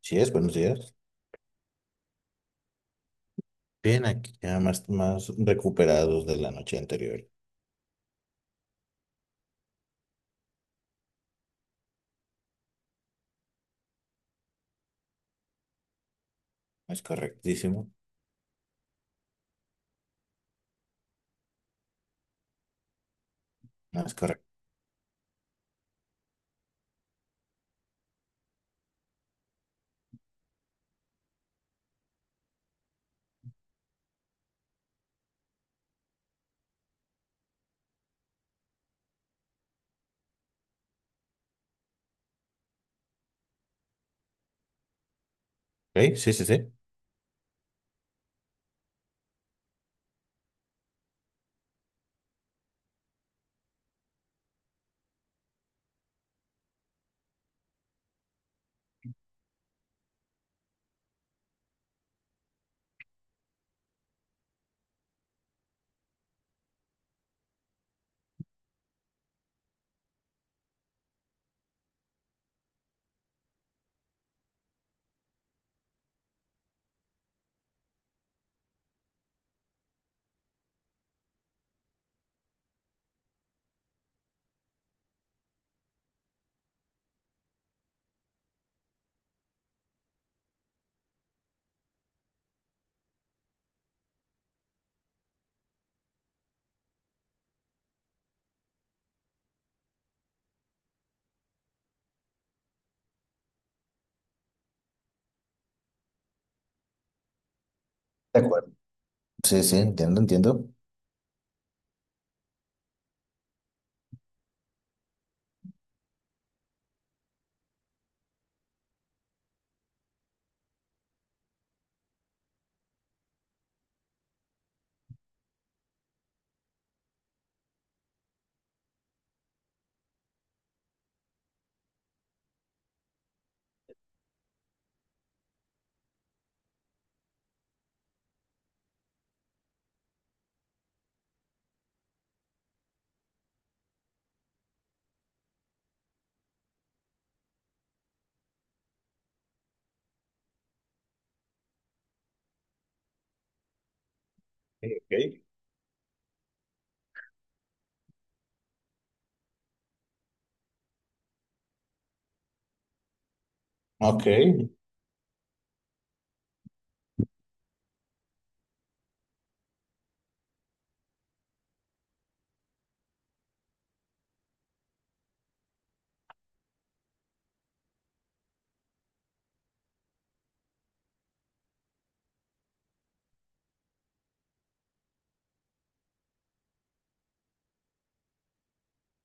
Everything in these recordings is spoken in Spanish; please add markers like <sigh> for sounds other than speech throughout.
Sí es, buenos días. Bien, aquí ya más recuperados de la noche anterior. Es correctísimo. No es correcto. Ok, sí, sí, sí. De acuerdo. Sí, sí, entiendo. Sí, ok. Ok.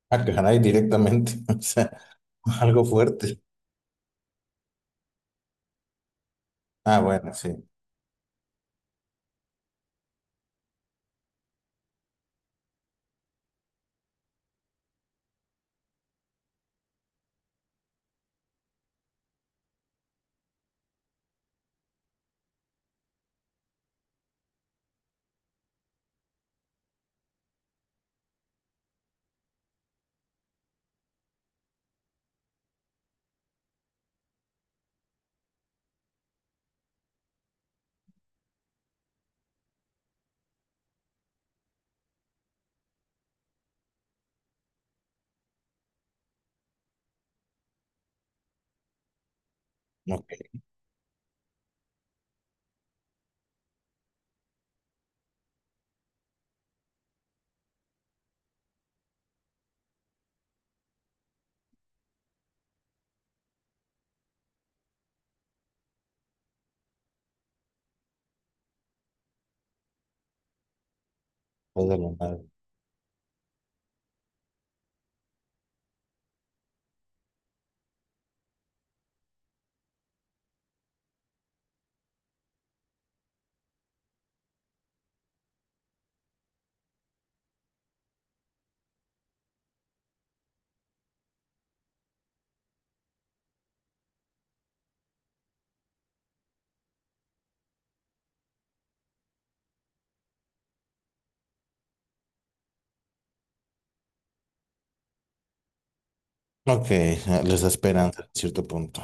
Ah, caray, directamente. <laughs> O sea, algo fuerte. Ah, bueno, sí. Ok. Toda la madre. Ok, ah, les da esperanza a cierto punto.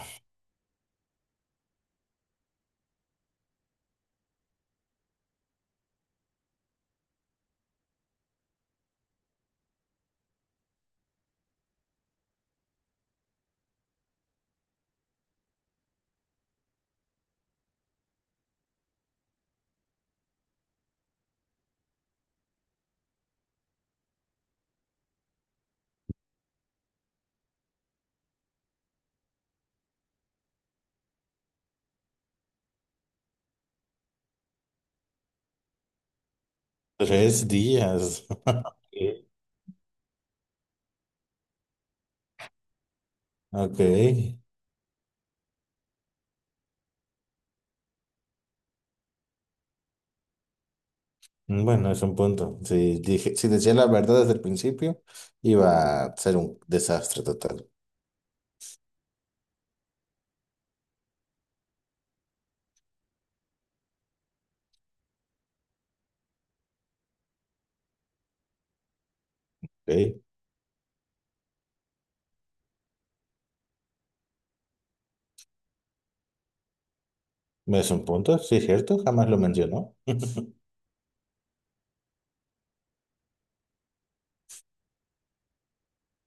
Tres días. <laughs> Ok. Ok. Mm, bueno, es un punto. Si dije, si decía la verdad desde el principio, iba a ser un desastre total. ¿Ok? Es un punto, sí, es cierto, jamás lo mencionó. <laughs>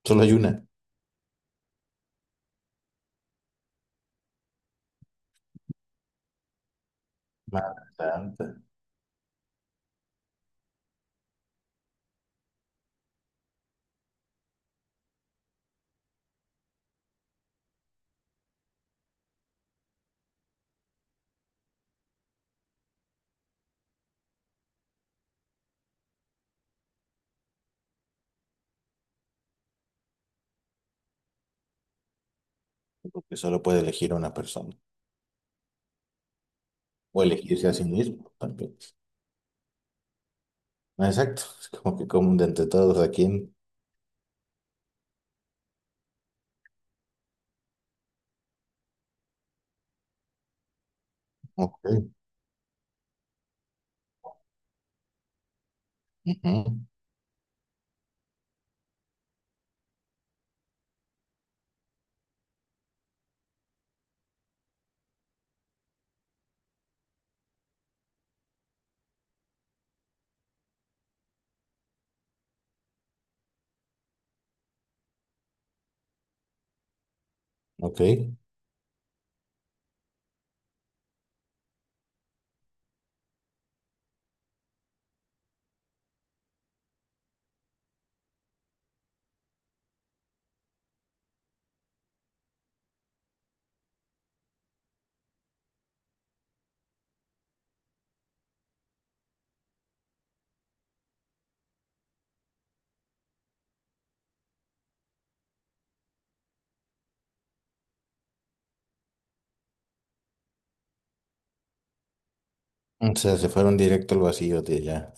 Solo hay una. Madre santa. Porque solo puede elegir a una persona. O elegirse a sí mismo también. Exacto. Es como que como de entre todos a quién. Ok. Ujú. Ok. O sea, se fueron directo al vacío de ya.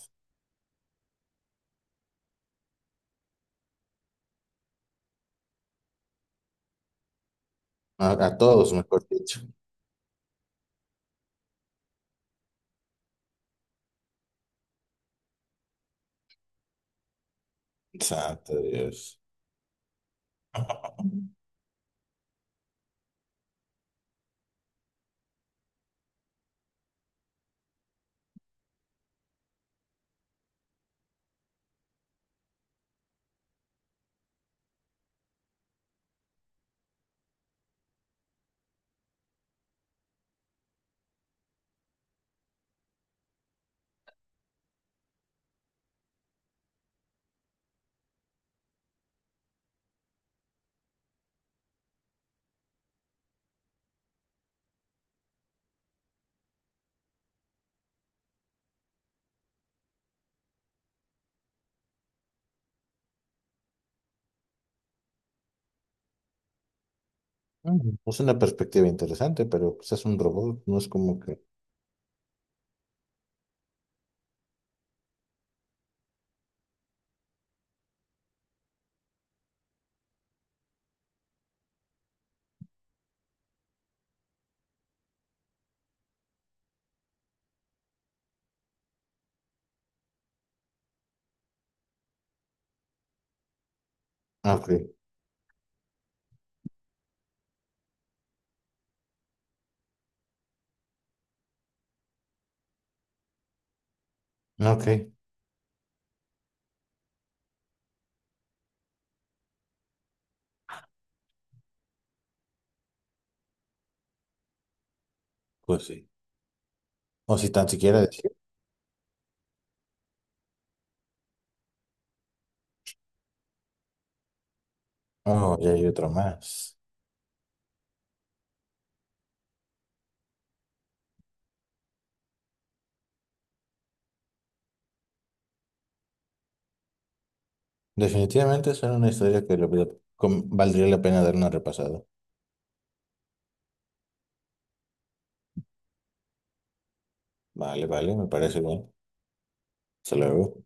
A todos, mejor dicho. Santo Dios. <laughs> Mm, es una perspectiva interesante, pero pues es un robot, no es como que... Ah, ok, ah, ok, pues sí. O si tan siquiera decir, oh, ya hay otro más. Definitivamente es una historia que le valdría la pena dar una repasada. Vale, vale, me parece bien. Hasta luego.